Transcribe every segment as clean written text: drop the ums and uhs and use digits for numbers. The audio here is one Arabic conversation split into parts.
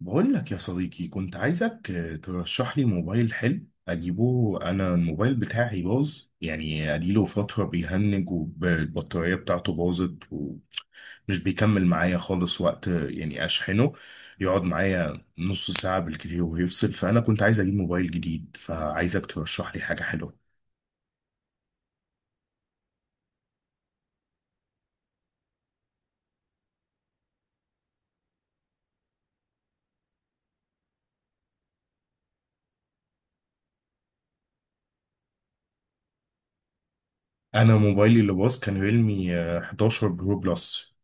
بقول لك يا صديقي، كنت عايزك ترشح لي موبايل حلو اجيبه. انا الموبايل بتاعي باظ، يعني اديله فترة بيهنج والبطارية بتاعته باظت ومش بيكمل معايا خالص. وقت يعني اشحنه يقعد معايا نص ساعة بالكتير ويفصل. فانا كنت عايز اجيب موبايل جديد، فعايزك ترشح لي حاجة حلوة. انا موبايلي اللي باظ كان ريلمي 11 برو بلس.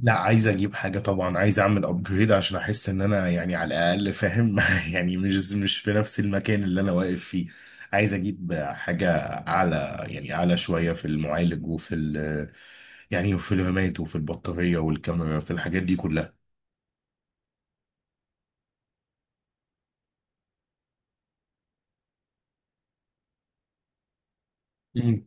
لا، عايز اجيب حاجه طبعا. عايز اعمل ابجريد عشان احس ان انا يعني على الاقل فاهم يعني مش في نفس المكان اللي انا واقف فيه. عايز اجيب حاجه اعلى، يعني اعلى شويه في المعالج وفي ال يعني وفي الرامات وفي البطاريه والكاميرا في الحاجات دي كلها. مم.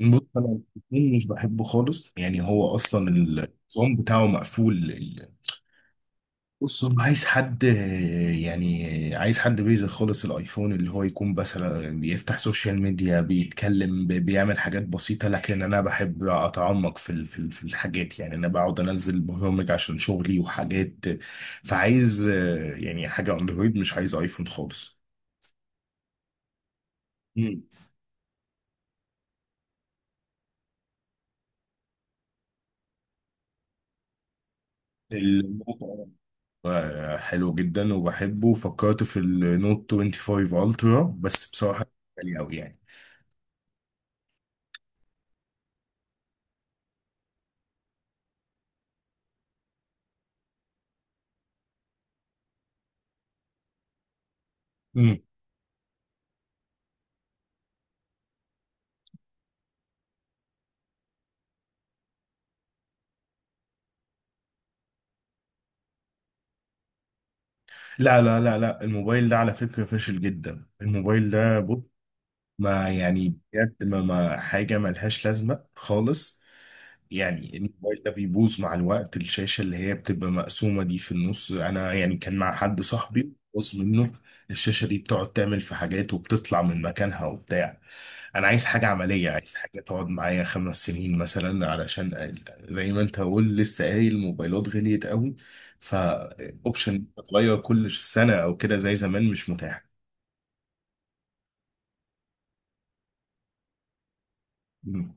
بص، انا الاتنين مش بحبه خالص، يعني هو اصلا النظام بتاعه مقفول. بص، هو عايز حد، يعني عايز حد بيزك خالص. الايفون اللي هو يكون مثلا بيفتح سوشيال ميديا بيتكلم بيعمل حاجات بسيطة. لكن انا بحب اتعمق في الحاجات، يعني انا بقعد انزل برامج عشان شغلي وحاجات. فعايز يعني حاجة اندرويد، مش عايز ايفون خالص. مم. الموضوع. حلو جدا وبحبه. فكرت في النوت 25 الترا، بس بصراحة غالي قوي يعني. لا، لا، لا، لا، الموبايل ده على فكرة فاشل جدا. الموبايل ده، بص. ما يعني بجد، ما حاجة ملهاش لازمة خالص. يعني الموبايل ده بيبوظ مع الوقت. الشاشة اللي هي بتبقى مقسومة دي في النص، أنا يعني كان مع حد صاحبي بوظ منه. الشاشة دي بتقعد تعمل في حاجات وبتطلع من مكانها وبتاع. أنا عايز حاجة عملية، عايز حاجة تقعد معايا 5 سنين مثلا علشان زي ما أنت قول لسه قايل، الموبايلات غليت قوي. فأوبشن تتغير كل سنة أو كده زي زمان مش متاح. مم.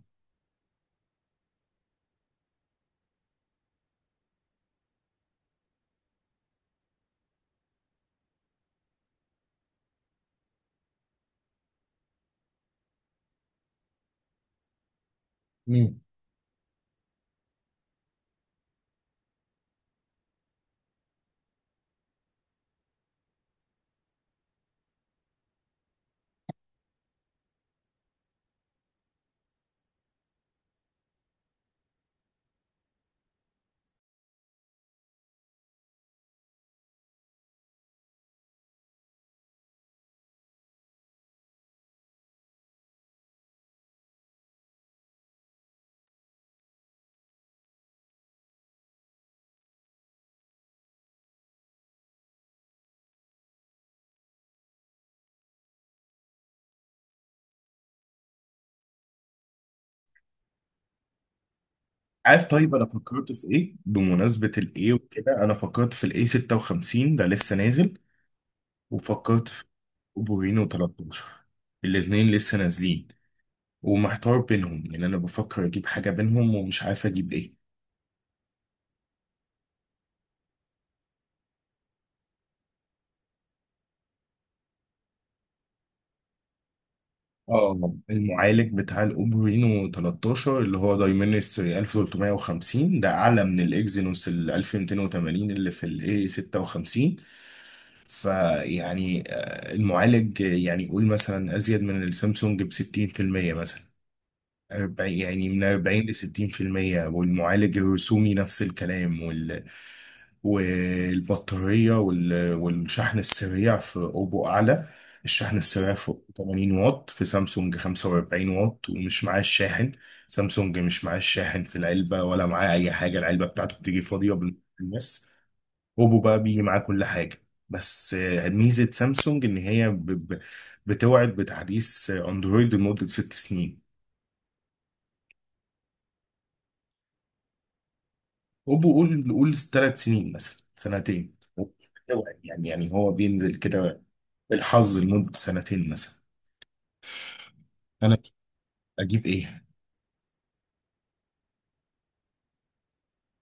مم. عارف، طيب انا فكرت في ايه، بمناسبه الايه وكده انا فكرت في الايه 56 ده لسه نازل. وفكرت في بورينو 13. الاتنين لسه نازلين ومحتار بينهم، يعني انا بفكر اجيب حاجة بينهم ومش عارف اجيب ايه. اه، المعالج بتاع الاوبرينو 13 اللي هو دايمنستري 1350 ده اعلى من الاكزينوس ال 1280 اللي في الاي 56. فيعني المعالج يعني قول مثلا ازيد من السامسونج ب 60% مثلا. 40، يعني من 40 ل 60%. والمعالج الرسومي نفس الكلام والبطارية والشحن السريع في أوبو أعلى. الشحن السريع فوق 80 واط، في سامسونج 45 واط ومش معاه الشاحن. سامسونج مش معاه الشاحن في العلبة ولا معاه أي حاجة، العلبة بتاعته بتيجي فاضية بالنسبة. بس أوبو بقى بيجي معاه كل حاجة. بس ميزة سامسونج إن هي ب... بتوعد بتحديث أندرويد لمدة 6 سنين. هوب قول، نقول 3 سنين مثلا، سنتين هو يعني هو بينزل كده بالحظ لمدة سنتين مثلا. انا اجيب ايه؟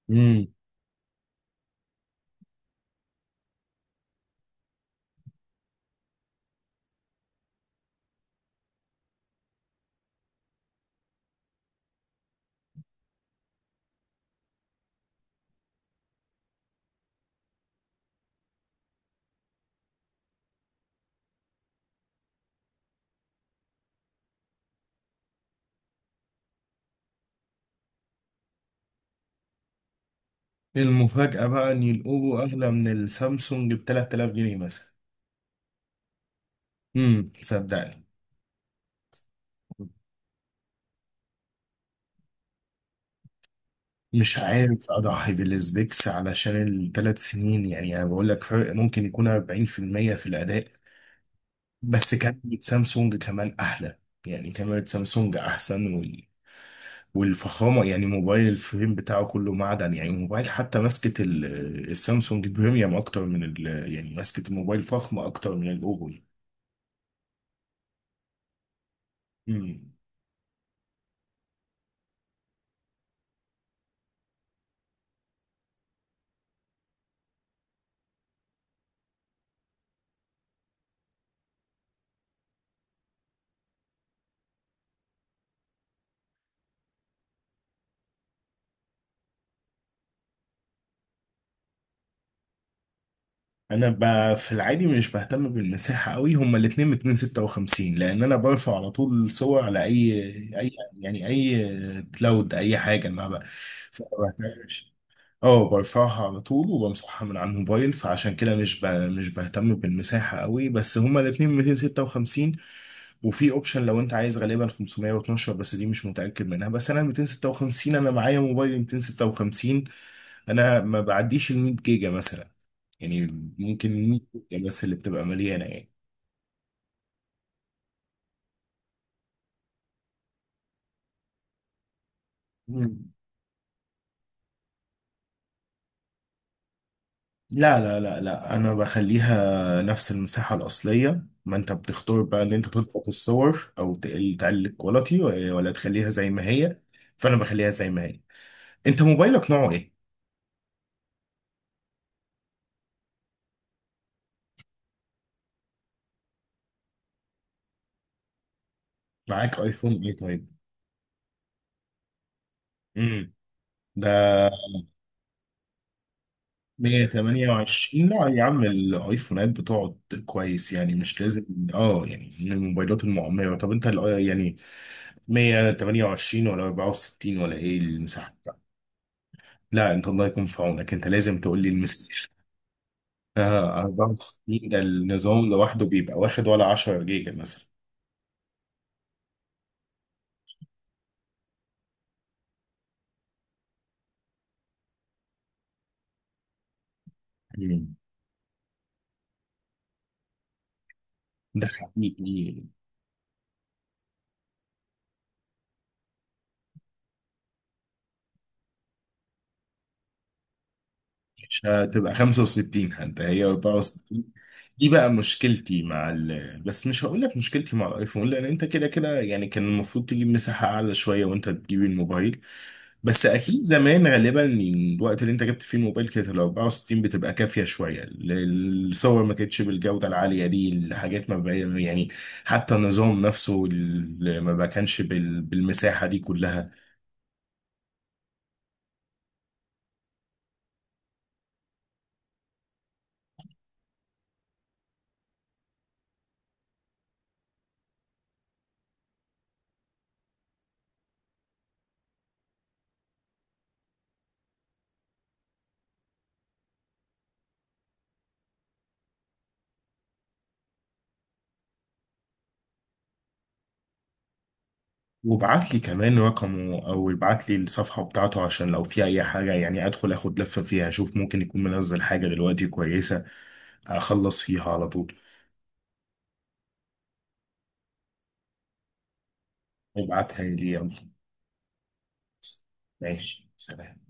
امم المفاجأة بقى ان يلقوه اغلى من السامسونج ب 3000 جنيه مثلا. صدقني. مش عارف اضحي بالسبيكس علشان ال 3 سنين، يعني انا بقول لك فرق ممكن يكون 40% في المية في الاداء. بس كاميرا سامسونج كمان احلى، يعني كاميرا سامسونج احسن. والفخامة يعني موبايل الفريم بتاعه كله معدن، يعني الموبايل. حتى ماسكة السامسونج بريميوم أكتر من يعني ماسكة الموبايل فخمة أكتر من الأوبو. مم. أنا في العادي مش بهتم بالمساحة قوي. هما الاتنين 256، لأن أنا برفع على طول صور على أي يعني أي كلاود أي حاجة ما بقى، فما بهتمش. اه، برفعها على طول وبمسحها من على الموبايل. فعشان كده مش بهتم بالمساحة قوي. بس هما الاتنين 256. وفي اوبشن لو انت عايز غالبا 512، بس دي مش متأكد منها. بس انا 256، انا معايا موبايل 256. انا ما بعديش ال 100 جيجا مثلا، يعني ممكن 100 جيجا بس اللي بتبقى مليانة يعني. مم. لا، لا، لا، لا، انا بخليها نفس المساحه الاصليه. ما انت بتختار بقى ان انت تضغط الصور او تقلل الكواليتي ولا تخليها زي ما هي. فانا بخليها زي ما هي. انت موبايلك نوعه ايه؟ معاك ايفون ايه؟ طيب. امم. ده. 128. لا يا عم، الايفونات بتقعد كويس يعني، مش لازم. اه، يعني من الموبايلات المعمره. طب انت 128 ولا 64 ولا ايه المساحه بتاعتك؟ لا انت الله يكون في عونك. انت لازم تقول لي المساحه. 64 النظام لوحده بيبقى واخد ولا 10 جيجا مثلا. مم. ده حقيقي. مش هتبقى 65، حتى هي 64. دي بقى مشكلتي مع بس مش هقول لك مشكلتي مع الايفون، لان انت كده كده يعني كان المفروض تجيب مساحة اعلى شوية وانت بتجيب الموبايل. بس اكيد زمان غالبا، الوقت اللي انت جبت فيه الموبايل كانت ال 64 بتبقى كافيه شويه. الصور ما كانتش بالجوده العاليه دي، الحاجات ما بقى يعني. حتى النظام نفسه ما بقى كانش بالمساحه دي كلها. وابعت لي كمان رقمه او ابعت لي الصفحه بتاعته عشان لو في اي حاجه يعني ادخل اخد لفه فيها، اشوف ممكن يكون منزل حاجه دلوقتي كويسه اخلص فيها على طول. ابعتها لي، يلا. ماشي، سلام.